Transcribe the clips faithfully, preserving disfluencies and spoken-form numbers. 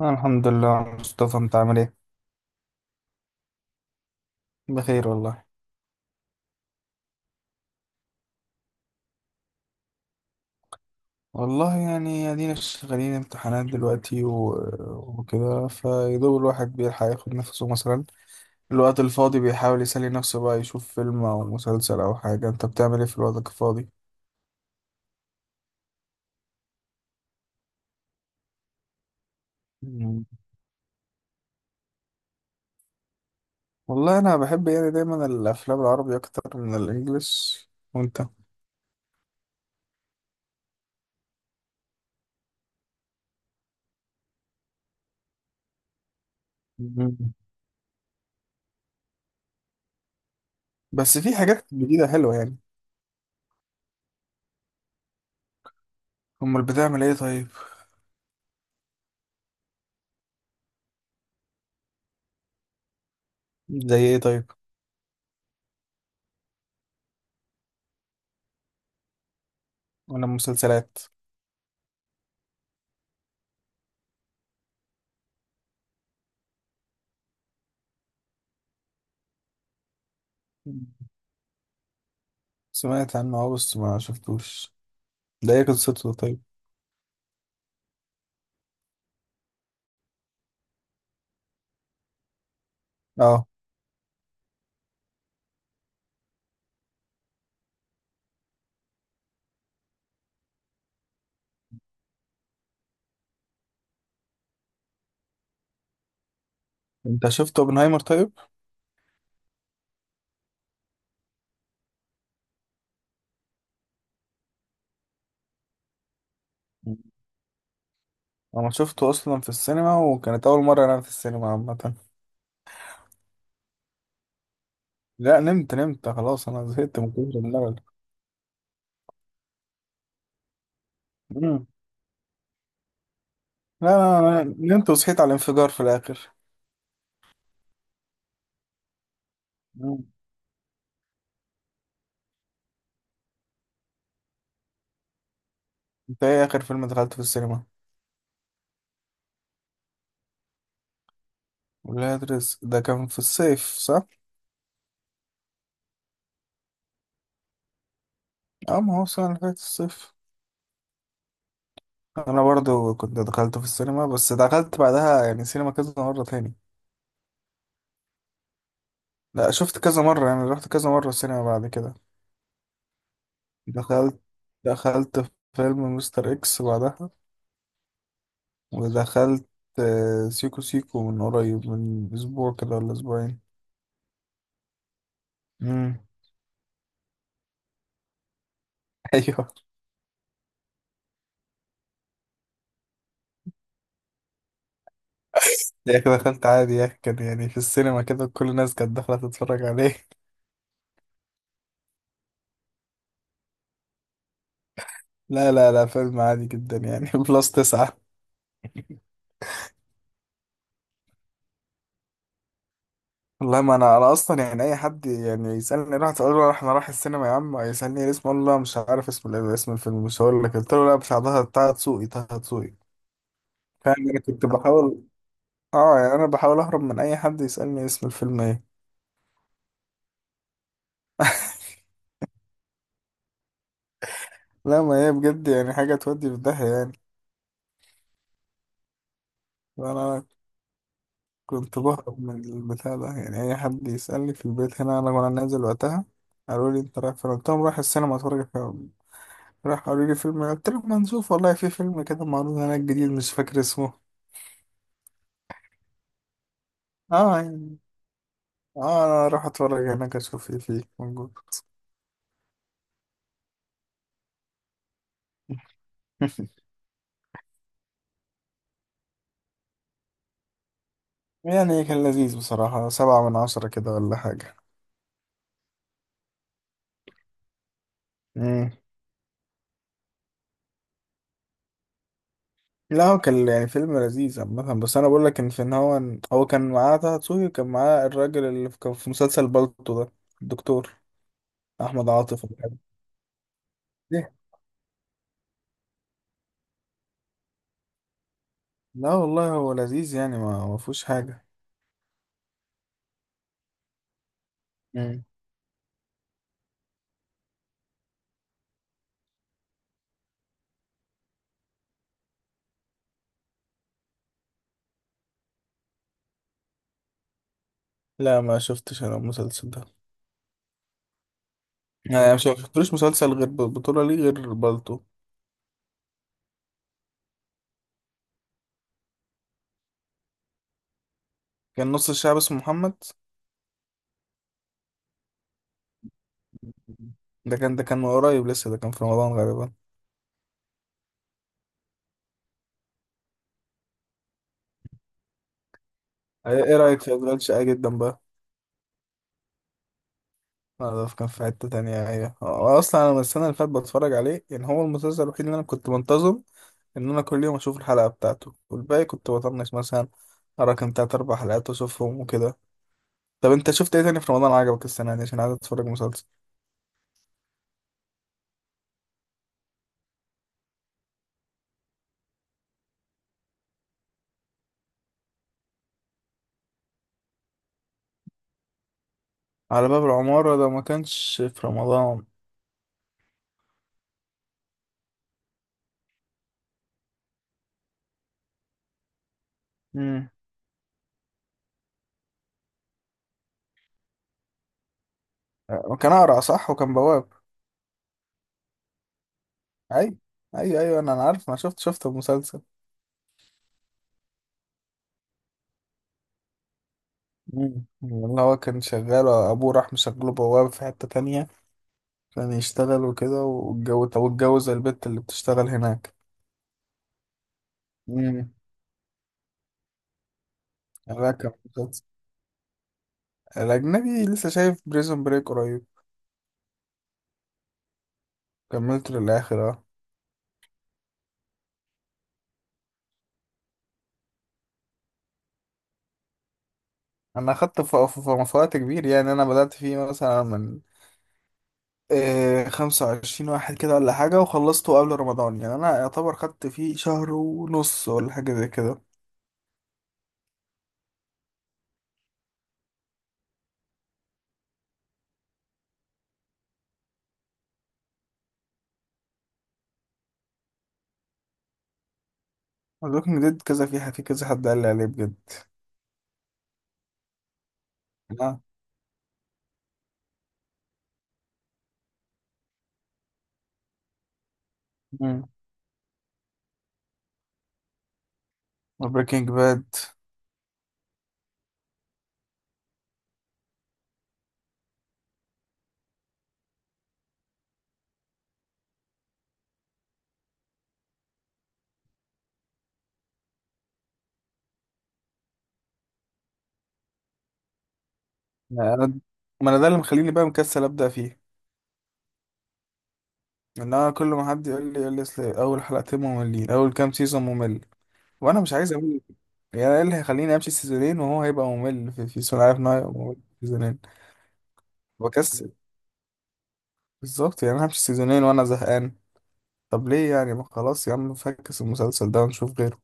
الحمد لله مصطفى، انت عامل ايه؟ بخير والله. والله يعني ادينا شغالين امتحانات دلوقتي و... وكده، فيدوب الواحد بيلحق ياخد نفسه مثلا. الوقت الفاضي بيحاول يسلي نفسه بقى، يشوف فيلم او مسلسل او حاجة. انت بتعمل ايه في الوقت الفاضي؟ مم. والله انا بحب يعني دايما الافلام العربي اكتر من الانجليش. وانت؟ مم. بس في حاجات جديدة حلوة يعني. امال بتعمل ايه طيب؟ زي ايه طيب؟ ولا مسلسلات. سمعت عنه اه، بس ما شفتوش. ده ايه قصته طيب؟ اه، انت شفت اوبنهايمر طيب؟ مم. انا شفته اصلا في السينما، وكانت اول مره انام في السينما عامه. لا، نمت نمت خلاص، انا زهقت من كتر الملل. مم. لا لا لا، نمت وصحيت على الانفجار في الاخر. مم. انت ايه اخر فيلم دخلت في السينما؟ ولاد رزق ده كان في الصيف صح؟ اه، ما هو السنه اللي فاتت الصيف. انا برضو كنت دخلت في السينما، بس دخلت بعدها يعني سينما كذا مره تاني. لا، شفت كذا مره، يعني رحت كذا مره السينما بعد كده. دخلت دخلت فيلم مستر اكس بعدها. ودخلت آه، سيكو سيكو من قريب، من اسبوع كده ولا اسبوعين. امم. ايوه. يا اخي دخلت عادي يا اخي، كان يعني في السينما كده كل الناس كانت داخله تتفرج عليه. لا لا لا، فيلم عادي جدا يعني. بلس تسعة. والله، ما انا انا اصلا يعني اي حد يعني يسالني راح تقول له احنا رايح السينما يا عم، يسالني إيه اسمه، اقول له لا مش عارف اسم ال- اسم الفيلم مش هقول لك. قلت له لا مش هحضرها، بتاع تسوقي بتاع تسوقي طه دسوقي. فاهم انا كنت بحاول. اه يعني انا بحاول اهرب من اي حد يسألني اسم الفيلم ايه. لا ما هي بجد يعني حاجة تودي في داهية يعني. انا كنت بهرب من البتاع ده، يعني اي حد يسألني في البيت. هنا انا وانا نازل وقتها قالوا لي انت رايح فين؟ قلت لهم رايح السينما اتفرج فيلم. راح قالوا لي فيلم إيه؟ قلت لهم ما نشوف والله، في فيلم كده معروض هناك جديد مش فاكر اسمه. اه يعني. اه انا راح اتفرج هناك اشوف ايه فيه موجود. يعني كان لذيذ بصراحة، سبعة من عشرة كده ولا حاجة. مم. لا هو كان يعني فيلم لذيذ عامة، بس أنا بقول لك إن في إن هو هو كان معاه طه دسوقي، وكان معاه الراجل اللي في- كان في مسلسل بالطو ده، الدكتور أحمد عاطف ولا حاجة. ليه؟ لا والله هو لذيذ يعني، ما ما فيهوش حاجة. مم. لا ما شفتش أنا المسلسل ده. يعني مش ما شفتلوش مسلسل غير ب- بطولة ليه غير بالطو. كان نص الشعب اسمه محمد. ده كان ده كان من قريب لسه، ده كان في رمضان غالبا. إيه إيه رأيك في أشغال شقة جدا بقى؟ آه، ده كان في حتة تانية. أيوة، هو أصلا أنا من السنة اللي فاتت بتفرج عليه، يعني هو المسلسل الوحيد اللي أنا كنت منتظم إن أنا كل يوم أشوف الحلقة بتاعته، والباقي كنت بطنش مثلا. أراكم تلات أربع حلقات وأشوفهم وكده. طب أنت شفت إيه تاني في رمضان عجبك السنة دي؟ عشان عايز أتفرج مسلسل. على باب العمارة ده ما كانش في رمضان. امم. وكان أقرع صح، وكان بواب. أي أيوة أيوة، أنا أنا عارف، ما شفت شفت المسلسل. امم. اللي هو كان شغال، أبوه راح مشغله بواب في حتة تانية، كان يشتغل وكده واتجوز. طب واتجوز البت اللي بتشتغل هناك. مم. لا كان مسلسل. الأجنبي لسه شايف بريزون بريك قريب. كملته للآخر اه. أنا أخدت ف- ف- ف- في وقت كبير يعني، أنا بدأت فيه مثلا من آه خمسة وعشرين واحد كده ولا حاجة، وخلصته قبل رمضان. يعني أنا يعتبر خدت فيه شهر ونص ولا حاجة زي كده. ولكن جد كذا، في حد- في كذا حد قال لي عليه بجد. مم. بريكنج باد. ما أنا ما أنا ده اللي مخليني بقى مكسل أبدأ فيه. لا، كل ما حد يقول لي يقول لي اصل اول حلقتين مملين، اول كام سيزون ممل. وانا مش عايز اقول يعني ايه اللي هيخليني امشي سيزونين وهو هيبقى ممل في في سيزون؟ عارف ان هو هيبقى ممل في سيزونين. بكسل. بالظبط، يعني انا همشي سيزونين وانا زهقان. طب ليه يعني؟ ما خلاص يا عم، فكس المسلسل ده ونشوف غيره.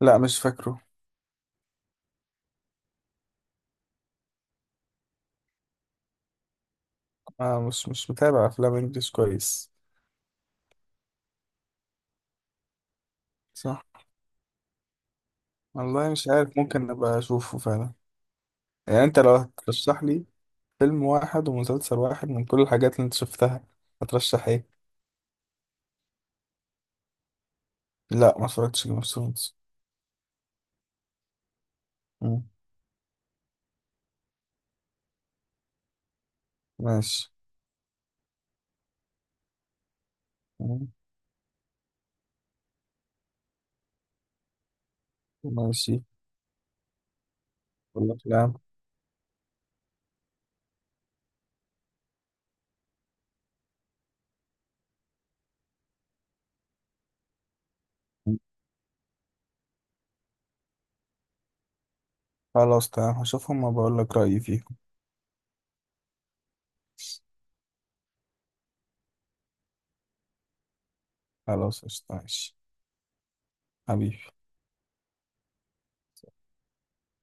لا مش فاكره. آه، مش مش متابع افلام انجلش كويس. صح. والله مش عارف، ممكن ابقى اشوفه فعلا. يعني انت لو هترشح لي فيلم واحد ومسلسل واحد من كل الحاجات اللي انت شفتها هترشح ايه؟ لا ما اتفرجتش جيم اوف ثرونز. ماشي. مم. ماشي. اقول لك لا. خلاص تمام، هشوفهم وبقول لك رأيي فيهم. خلاص قشطة، ماشي. حبيبي.